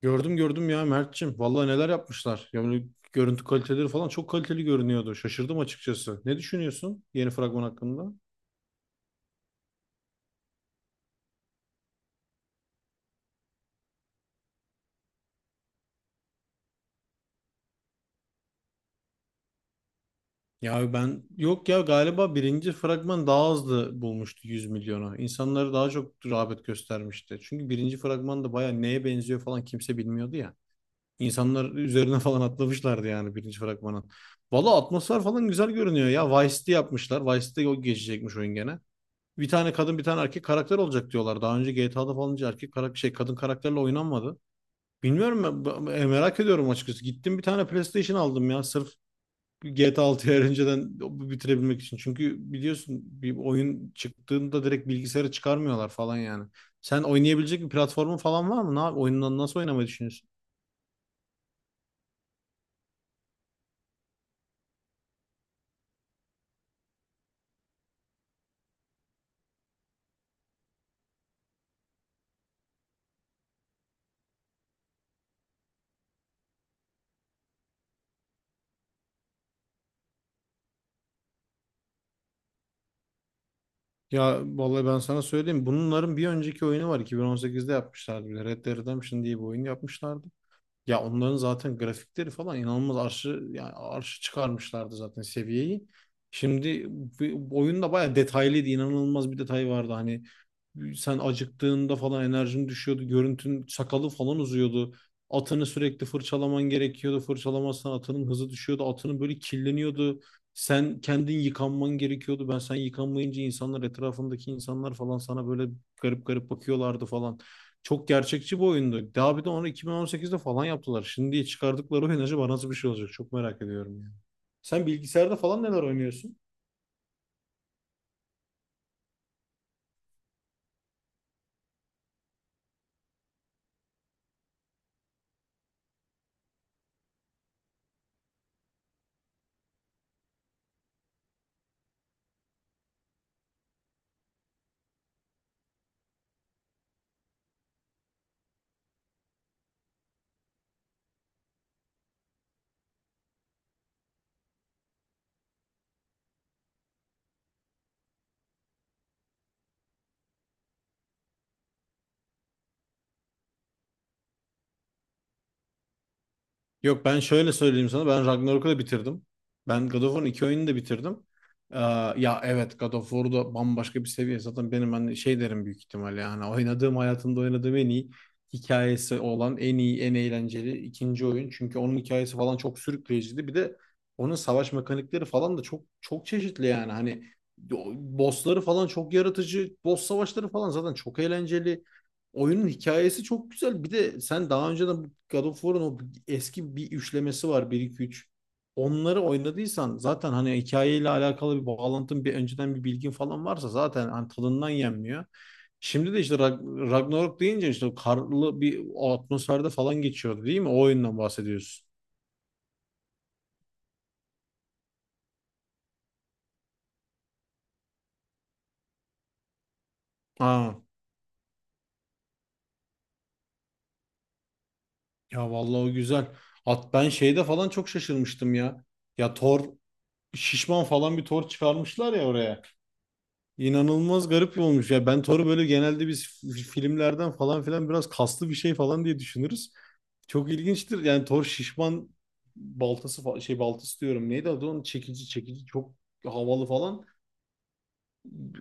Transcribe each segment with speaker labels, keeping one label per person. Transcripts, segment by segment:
Speaker 1: Gördüm gördüm ya Mert'cim. Vallahi neler yapmışlar. Yani görüntü kaliteleri falan çok kaliteli görünüyordu. Şaşırdım açıkçası. Ne düşünüyorsun yeni fragman hakkında? Ya ben yok ya galiba birinci fragman daha hızlı bulmuştu 100 milyona. İnsanları daha çok rağbet göstermişti. Çünkü birinci fragman da baya neye benziyor falan kimse bilmiyordu ya. İnsanlar üzerine falan atlamışlardı yani birinci fragmanın. Valla atmosfer falan güzel görünüyor ya. Vice'de yapmışlar. Vice'de o geçecekmiş oyun gene. Bir tane kadın bir tane erkek karakter olacak diyorlar. Daha önce GTA'da falan hiç erkek karakter şey kadın karakterle oynanmadı. Bilmiyorum ben, merak ediyorum açıkçası. Gittim bir tane PlayStation aldım ya sırf GTA 6'yı önceden bitirebilmek için. Çünkü biliyorsun bir oyun çıktığında direkt bilgisayara çıkarmıyorlar falan yani. Sen oynayabilecek bir platformun falan var mı? Oyundan nasıl oynamayı düşünüyorsun? Ya vallahi ben sana söyleyeyim. Bunların bir önceki oyunu var. 2018'de yapmışlardı, bir de Red Dead Redemption diye bir oyun yapmışlardı. Ya onların zaten grafikleri falan inanılmaz arşı yani arşı çıkarmışlardı zaten seviyeyi. Şimdi bu oyunda bayağı detaylıydı, inanılmaz bir detay vardı. Hani sen acıktığında falan enerjin düşüyordu. Görüntün sakalı falan uzuyordu. Atını sürekli fırçalaman gerekiyordu. Fırçalamazsan atının hızı düşüyordu. Atının böyle kirleniyordu. Sen kendin yıkanman gerekiyordu. Ben sen yıkanmayınca insanlar etrafındaki insanlar falan sana böyle garip garip bakıyorlardı falan. Çok gerçekçi bir oyundu. Daha bir de onu 2018'de falan yaptılar. Şimdi çıkardıkları oyun acaba nasıl bir şey olacak? Çok merak ediyorum yani. Sen bilgisayarda falan neler oynuyorsun? Yok ben şöyle söyleyeyim sana. Ben Ragnarok'u da bitirdim. Ben God of War'un iki oyununu da bitirdim. Ee, ya evet, God of War'da bambaşka bir seviye. Zaten benim hani şey derim büyük ihtimalle. Yani oynadığım hayatımda oynadığım en iyi hikayesi olan en iyi en eğlenceli ikinci oyun. Çünkü onun hikayesi falan çok sürükleyiciydi. Bir de onun savaş mekanikleri falan da çok çok çeşitli yani. Hani o bossları falan çok yaratıcı. Boss savaşları falan zaten çok eğlenceli. Oyunun hikayesi çok güzel. Bir de sen daha önceden bu God of War'un o eski bir üçlemesi var, bir iki üç. Onları oynadıysan zaten hani hikayeyle alakalı bir bağlantın, bir önceden bir bilgin falan varsa zaten hani tadından yenmiyor. Şimdi de işte Ragnarok deyince işte o karlı bir atmosferde falan geçiyordu değil mi? O oyundan bahsediyorsun. Ha, ya vallahi o güzel. At ben şeyde falan çok şaşırmıştım ya. Ya Thor şişman falan bir Thor çıkarmışlar ya oraya. İnanılmaz garip bir olmuş. Ya ben Thor'u böyle genelde biz filmlerden falan filan biraz kaslı bir şey falan diye düşünürüz. Çok ilginçtir. Yani Thor şişman baltası şey baltası diyorum. Neydi adı onun? Çekici çekici çok havalı falan.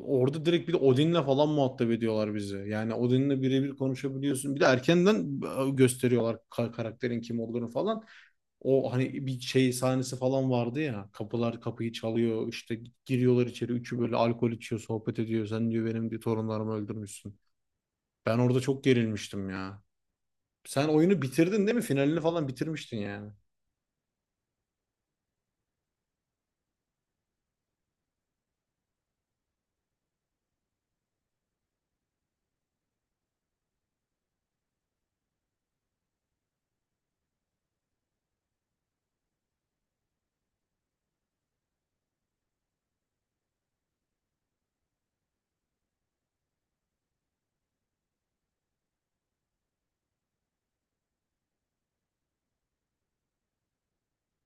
Speaker 1: Orada direkt bir de Odin'le falan muhatap ediyorlar bizi. Yani Odin'le birebir konuşabiliyorsun. Bir de erkenden gösteriyorlar karakterin kim olduğunu falan. O hani bir şey sahnesi falan vardı ya. Kapılar kapıyı çalıyor. İşte giriyorlar içeri. Üçü böyle alkol içiyor, sohbet ediyor. Sen diyor benim bir torunlarımı öldürmüşsün. Ben orada çok gerilmiştim ya. Sen oyunu bitirdin değil mi? Finalini falan bitirmiştin yani.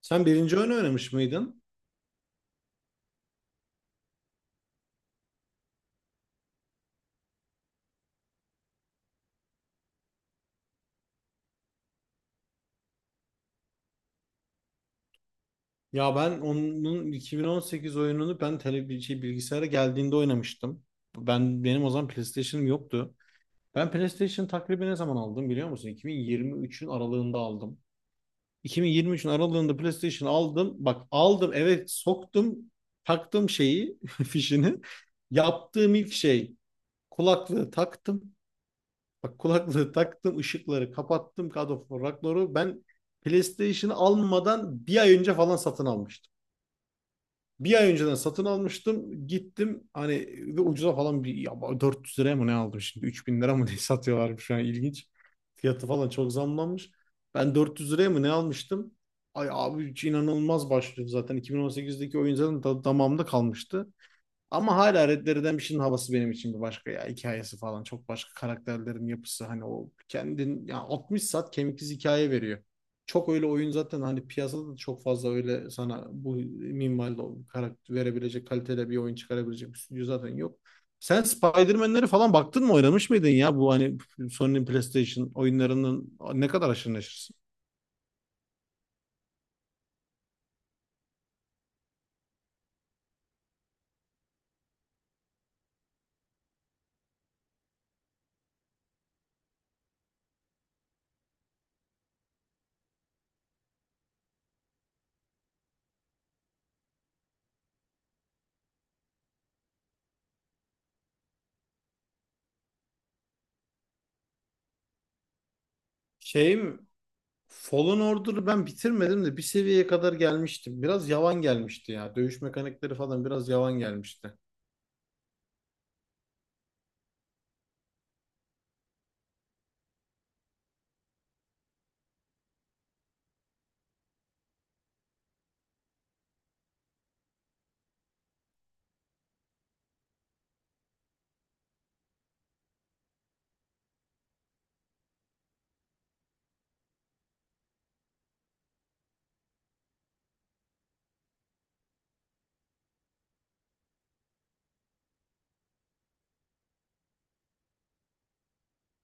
Speaker 1: Sen birinci oyunu oynamış mıydın? Ya ben onun 2018 oyununu ben bilgisayara geldiğinde oynamıştım. Ben benim o zaman PlayStation'ım yoktu. Ben PlayStation takribi ne zaman aldım biliyor musun? 2023'ün aralığında aldım. 2023'ün aralığında PlayStation aldım. Bak aldım eve soktum. Taktım şeyi, fişini. Yaptığım ilk şey kulaklığı taktım. Bak kulaklığı taktım, ışıkları kapattım. God of War Ragnarok'u ben PlayStation'ı almadan bir ay önce falan satın almıştım. Bir ay önceden satın almıştım. Gittim hani ve ucuza falan bir ya 400 liraya mı ne aldım şimdi? 3.000 lira mı ne satıyorlarmış şu an, ilginç. Fiyatı falan çok zamlanmış. Ben 400 liraya mı ne almıştım? Ay abi hiç inanılmaz başlıyordu zaten. 2018'deki oyun zaten damağımda kalmıştı. Ama hala Red Dead Redemption'ın havası benim için bir başka ya. Hikayesi falan çok başka karakterlerin yapısı hani o kendin ya 60 saat kemiksiz hikaye veriyor. Çok öyle oyun zaten hani piyasada da çok fazla öyle sana bu minvalde o karakter verebilecek kalitede bir oyun çıkarabilecek bir stüdyo zaten yok. Sen Spider-Man'leri falan baktın mı oynamış mıydın ya bu hani Sony'nin PlayStation oyunlarının ne kadar aşırı neşirsin? Şey mi? Fallen Order'ı ben bitirmedim de bir seviyeye kadar gelmiştim. Biraz yavan gelmişti ya. Dövüş mekanikleri falan biraz yavan gelmişti.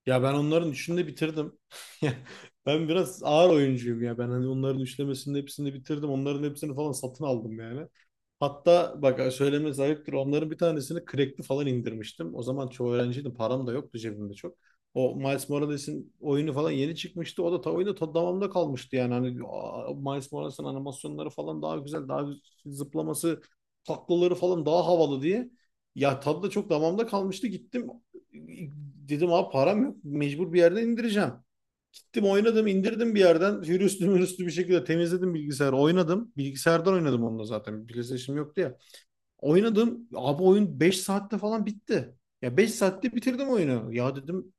Speaker 1: Ya ben onların üçünü de bitirdim. Ya ben biraz ağır oyuncuyum ya. Ben hani onların üçlemesinin hepsini bitirdim. Onların hepsini falan satın aldım yani. Hatta bak söylemesi ayıptır. Onların bir tanesini crack'li falan indirmiştim. O zaman çoğu öğrenciydim. Param da yoktu cebimde çok. O Miles Morales'in oyunu falan yeni çıkmıştı. O da ta oyunda ta damamda kalmıştı yani. Hani Miles Morales'in animasyonları falan daha güzel, daha zıplaması, taklaları falan daha havalı diye. Ya tadı da çok damamda kalmıştı. Gittim, dedim abi param yok. Mecbur bir yerden indireceğim. Gittim oynadım indirdim bir yerden. Hürüstü mürüstü bir şekilde temizledim bilgisayarı. Oynadım. Bilgisayardan oynadım onunla zaten. PlayStation yoktu ya. Oynadım. Abi oyun 5 saatte falan bitti. Ya 5 saatte bitirdim oyunu. Ya dedim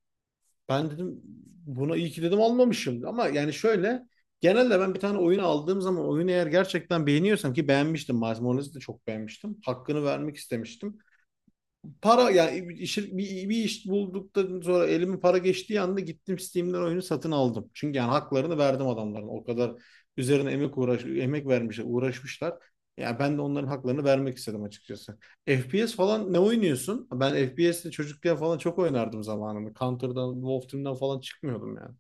Speaker 1: ben dedim buna iyi ki dedim almamışım. Ama yani şöyle genelde ben bir tane oyun aldığım zaman oyunu eğer gerçekten beğeniyorsam ki beğenmiştim. Miles Morales'i de çok beğenmiştim. Hakkını vermek istemiştim, para yani bir iş bulduktan sonra elime para geçtiği anda gittim Steam'den oyunu satın aldım. Çünkü yani haklarını verdim adamların. O kadar üzerine emek uğraş emek vermişler, uğraşmışlar. Yani ben de onların haklarını vermek istedim açıkçası. FPS falan ne oynuyorsun? Ben FPS'te çocukken falan çok oynardım zamanında. Counter'dan, Wolf Team'den falan çıkmıyordum yani.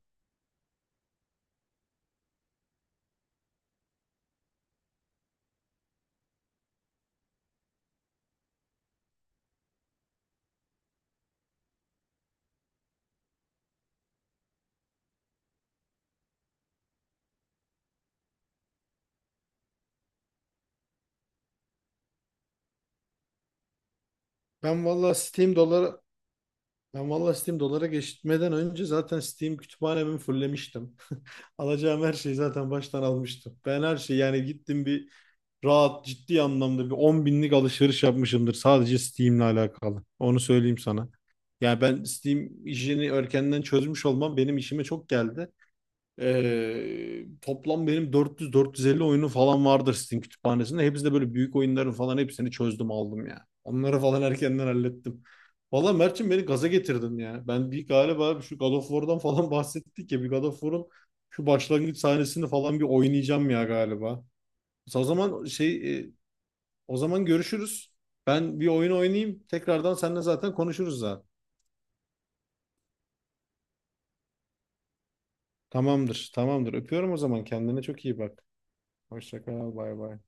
Speaker 1: Ben valla Steam doları Ben valla Steam dolara geçmeden önce zaten Steam kütüphanemi fullemiştim. Alacağım her şeyi zaten baştan almıştım. Ben her şeyi yani gittim bir rahat ciddi anlamda bir 10 binlik alışveriş yapmışımdır sadece Steam'le alakalı. Onu söyleyeyim sana. Yani ben Steam işini erkenden çözmüş olmam benim işime çok geldi. Toplam benim 400-450 oyunu falan vardır Steam kütüphanesinde. Hepsi de böyle büyük oyunların falan hepsini çözdüm aldım ya. Onları falan erkenden hallettim. Valla Mert'cim beni gaza getirdin ya. Ben bir galiba şu God of War'dan falan bahsettik ya. Bir God of War'un şu başlangıç sahnesini falan bir oynayacağım ya galiba. O zaman şey e, o zaman görüşürüz. Ben bir oyun oynayayım. Tekrardan seninle zaten konuşuruz zaten. Tamamdır, tamamdır. Öpüyorum o zaman. Kendine çok iyi bak. Hoşça kal, bay bay.